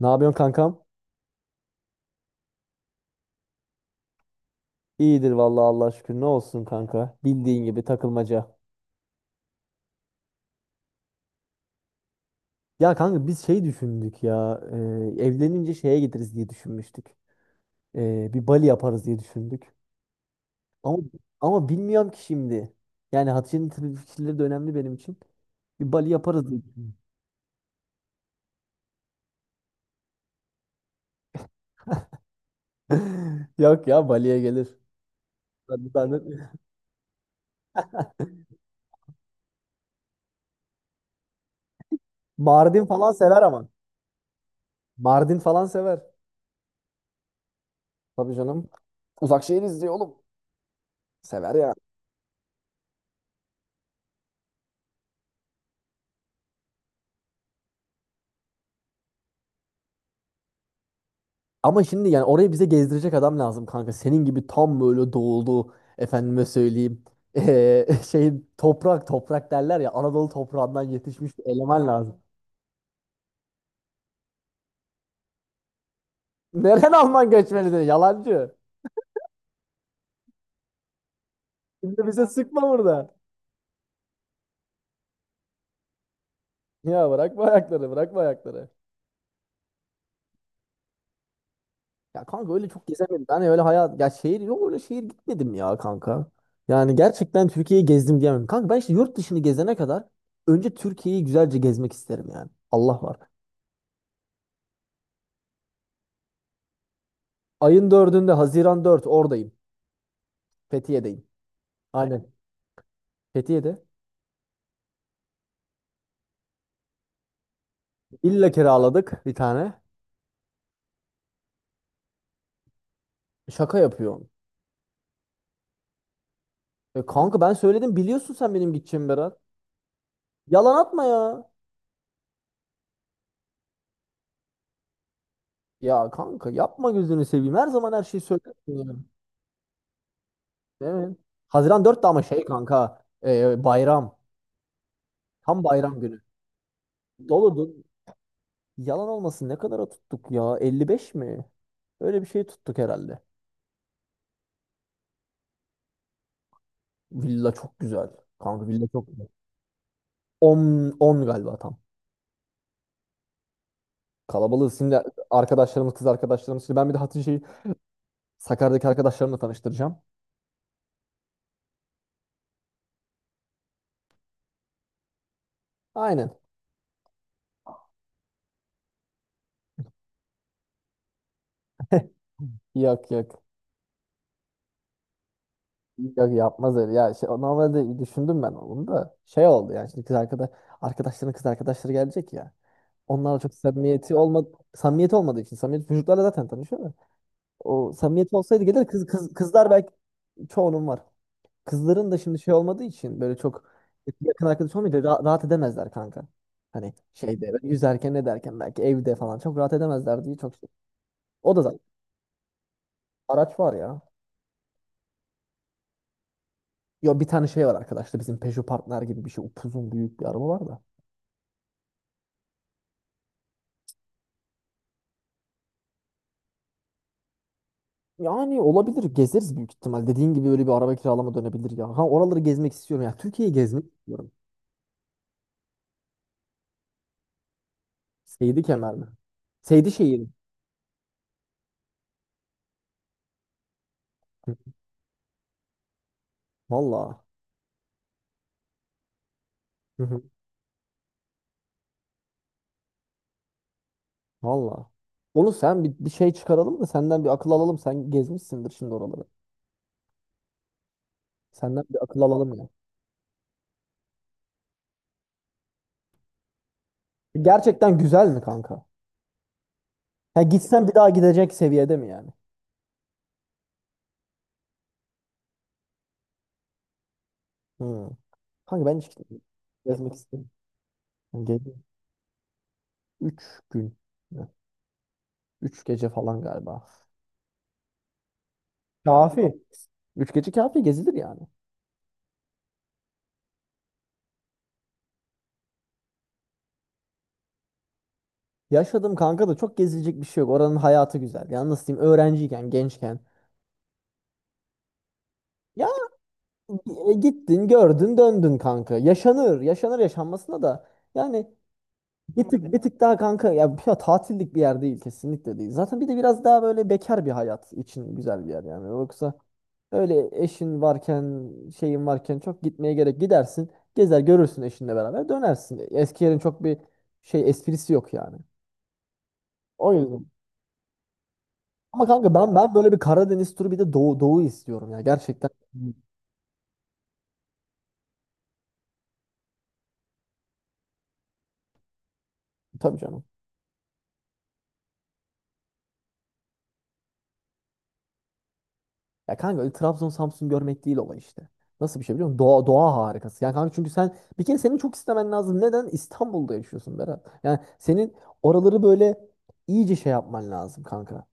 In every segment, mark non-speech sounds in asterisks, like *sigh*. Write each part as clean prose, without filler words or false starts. Ne yapıyorsun kankam? İyidir vallahi Allah şükür. Ne olsun kanka? Bildiğin gibi takılmaca. Ya kanka biz şey düşündük ya. Evlenince şeye gideriz diye düşünmüştük. Bir Bali yaparız diye düşündük. Ama ama bilmiyorum ki şimdi. Yani Hatice'nin tabii fikirleri de önemli benim için. Bir Bali yaparız diye düşündüm. *laughs* Yok ya Bali'ye gelir. Ben Mardin falan sever ama. Mardin falan sever. Tabii canım. Uzak şey oğlum. Sever ya. Ama şimdi yani orayı bize gezdirecek adam lazım kanka. Senin gibi tam böyle doğulu efendime söyleyeyim. *laughs* Şey toprak toprak derler ya, Anadolu toprağından yetişmiş bir eleman lazım. Neren Alman göçmeni de yalancı. Şimdi bize sıkma burada. Ya bırakma ayakları, bırakma ayakları. Ya kanka öyle çok gezemedim. Ben öyle hayat ya şehir yok, öyle şehir gitmedim ya kanka. Yani gerçekten Türkiye'yi gezdim diyemem. Kanka ben işte yurt dışını gezene kadar önce Türkiye'yi güzelce gezmek isterim yani. Allah var. Ayın dördünde, 4 Haziran oradayım. Fethiye'deyim. Aynen. Fethiye'de. İlla kiraladık bir tane. Şaka yapıyorsun. E kanka ben söyledim biliyorsun, sen benim gideceğimi Berat. Yalan atma ya. Ya kanka yapma, gözünü seveyim. Her zaman her şeyi söylersin ya. Değil mi? 4 Haziran de ama şey kanka. Bayram. Tam bayram günü. Doludu. Yalan olmasın, ne kadara tuttuk ya? 55 mi? Öyle bir şey tuttuk herhalde. Villa çok güzel. Kanka villa çok güzel. 10 galiba tam. Kalabalığız şimdi, arkadaşlarımız, kız arkadaşlarımız. Şimdi ben bir de Hatice'yi Sakarya'daki arkadaşlarımla tanıştıracağım. Aynen. *laughs* Yok, yok. Yok yapmaz öyle. Ya şey, normalde düşündüm ben onu da. Şey oldu yani, şimdi kız arkadaş arkadaşların kız arkadaşları gelecek ya. Onlarla çok samimiyeti olmadı, samimiyeti olmadığı için, samimiyet çocuklarla zaten tanışıyor da. O samimiyeti olsaydı gelir kız, kızlar belki çoğunun var. Kızların da şimdi şey olmadığı için, böyle çok yakın arkadaş olmayınca rahat edemezler kanka. Hani şeyde böyle yüzerken ne derken belki evde falan çok rahat edemezler diye çok şey. O da zaten araç var ya. Yo bir tane şey var arkadaşlar, bizim Peugeot Partner gibi bir şey, upuzun büyük bir araba var da. Yani olabilir, gezeriz büyük ihtimal. Dediğin gibi böyle bir araba kiralama dönebilir ya. Ha, oraları gezmek istiyorum ya. Türkiye'yi gezmek istiyorum. Seydi Kemer mi? Seydi şehir. Valla. Valla. Onu sen bir, şey çıkaralım da senden bir akıl alalım. Sen gezmişsindir şimdi oraları. Senden bir akıl alalım ya. Gerçekten güzel mi kanka? Ya gitsen bir daha gidecek seviyede mi yani? Hı. Kanka ben hiç gitmedim. Gezmek istedim. Yani gece üç gün. 3 gece falan galiba. Kafi. 3 gece kafi, gezilir yani. Yaşadım kanka da çok gezilecek bir şey yok. Oranın hayatı güzel. Yani nasıl diyeyim, öğrenciyken, gençken. Ya gittin, gördün, döndün kanka. Yaşanır, yaşanır yaşanmasına da. Yani bir tık, bir tık daha kanka ya, bir ya tatillik bir yer değil, kesinlikle değil. Zaten bir de biraz daha böyle bekar bir hayat için güzel bir yer yani. Yoksa öyle eşin varken, şeyin varken çok gitmeye gerek, gidersin. Gezer görürsün eşinle beraber dönersin. Eski yerin çok bir şey esprisi yok yani. O yüzden. Ama kanka ben böyle bir Karadeniz turu bir de doğu doğu istiyorum ya gerçekten. Hı. Tabii canım. Ya kanka öyle Trabzon Samsun görmek değil olay işte. Nasıl bir şey biliyor musun? Doğa, doğa harikası. Yani kanka çünkü sen bir kere senin çok istemen lazım. Neden? İstanbul'da yaşıyorsun Berat. Yani senin oraları böyle iyice şey yapman lazım kanka. Ya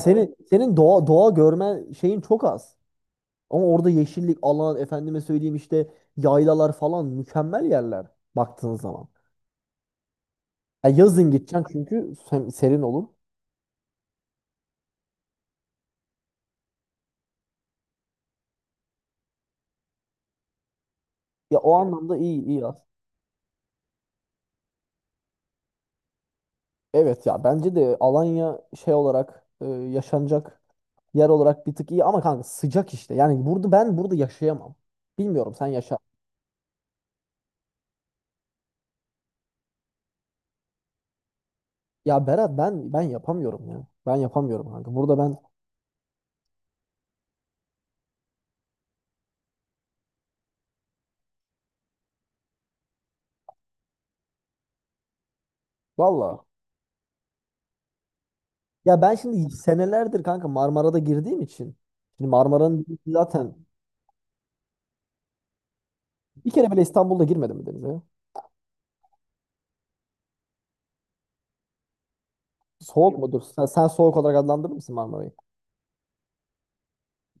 senin doğa doğa görme şeyin çok az. Ama orada yeşillik, alan, efendime söyleyeyim, işte yaylalar falan mükemmel yerler baktığın zaman. Ya yazın gideceksin çünkü serin olur. Ya o anlamda iyi, iyi yaz. Evet ya bence de Alanya şey olarak yaşanacak yer olarak bir tık iyi, ama kanka sıcak işte. Yani burada ben burada yaşayamam. Bilmiyorum, sen yaşa. Ya Berat ben yapamıyorum ya. Ben yapamıyorum kanka. Burada ben valla. Ya ben şimdi senelerdir kanka Marmara'da girdiğim için. Şimdi Marmara'nın zaten bir kere bile İstanbul'da girmedim mi denize? Soğuk mudur? Sen, soğuk olarak adlandırır mısın Marmara'yı?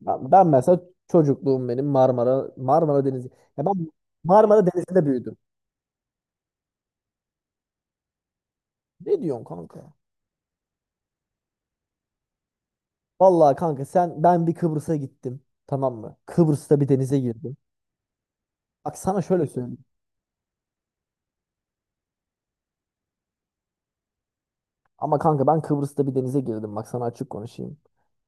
Ben mesela çocukluğum benim Marmara Denizi. Ya ben Marmara Denizi'nde büyüdüm. Ne diyorsun kanka? Vallahi kanka sen, ben bir Kıbrıs'a gittim. Tamam mı? Kıbrıs'ta bir denize girdim. Bak sana şöyle söyleyeyim. Ama kanka ben Kıbrıs'ta bir denize girdim. Bak sana açık konuşayım.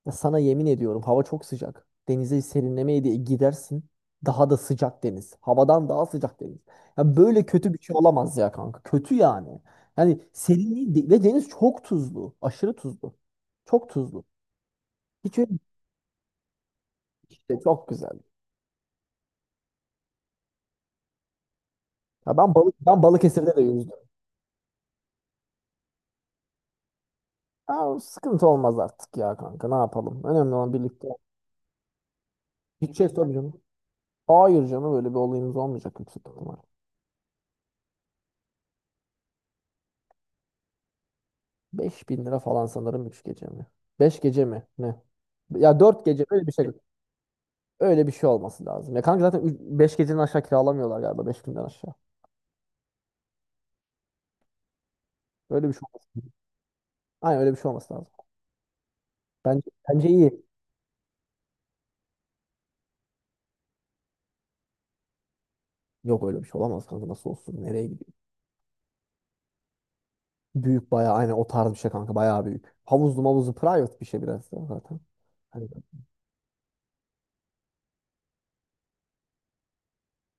Ya sana yemin ediyorum, hava çok sıcak. Denize serinlemeye diye gidersin. Daha da sıcak deniz. Havadan daha sıcak deniz. Ya böyle kötü bir şey olamaz ya kanka. Kötü yani. Yani serinliği de- ve deniz çok tuzlu. Aşırı tuzlu. Çok tuzlu. Hiç öyle işte, çok güzel. Ya ben ben Balıkesir'de de yüzdüm. Aa, sıkıntı olmaz artık ya kanka, ne yapalım. Önemli olan birlikte. Gideceğiz, gideceğiz tabii canım. Hayır canım öyle bir olayımız olmayacak yüksek ihtimal. 5.000 lira falan sanırım, 3 gece mi? 5 gece mi? Ne? Ya 4 gece mi? Öyle bir şey. Öyle bir şey olması lazım. Ya kanka zaten 5 gecenin aşağı kiralamıyorlar galiba 5.000'den aşağı. Öyle bir şey olması lazım. Aynen, öyle bir şey olması lazım. Bence, bence iyi. Yok öyle bir şey olamaz kanka, nasıl olsun, nereye gidiyor? Büyük bayağı, aynen o tarz bir şey kanka, bayağı büyük. Havuzlu mavuzlu, private bir şey biraz da zaten. Hani,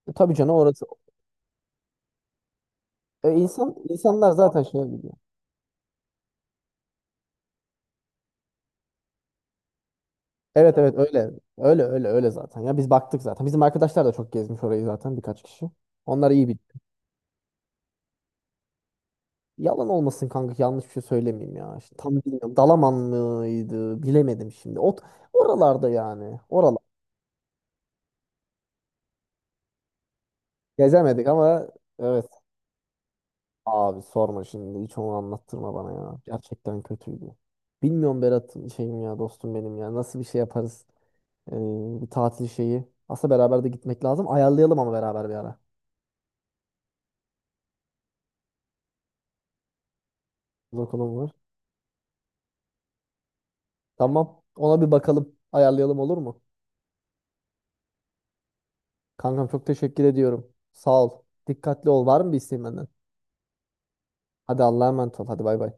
tabii canım orası. İnsan insanlar zaten şey biliyor. Evet, evet öyle. Öyle, öyle, öyle zaten. Ya biz baktık zaten. Bizim arkadaşlar da çok gezmiş orayı zaten, birkaç kişi. Onlar iyi biliyor. Yalan olmasın kanka, yanlış bir şey söylemeyeyim ya. İşte tam bilmiyorum. Dalaman mıydı? Bilemedim şimdi. Ot oralarda yani. Oralar. Gezemedik ama evet. Abi sorma şimdi. Hiç onu anlattırma bana ya. Gerçekten kötüydü. Bilmiyorum Berat, şeyim ya, dostum benim ya. Nasıl bir şey yaparız? Ee, bir tatil şeyi. Aslında beraber de gitmek lazım. Ayarlayalım ama beraber bir ara. Bakalım var. Tamam. Ona bir bakalım. Ayarlayalım, olur mu? Kankam çok teşekkür ediyorum. Sağ ol. Dikkatli ol. Var mı bir isteğin benden? Hadi Allah'a emanet ol. Hadi bay bay.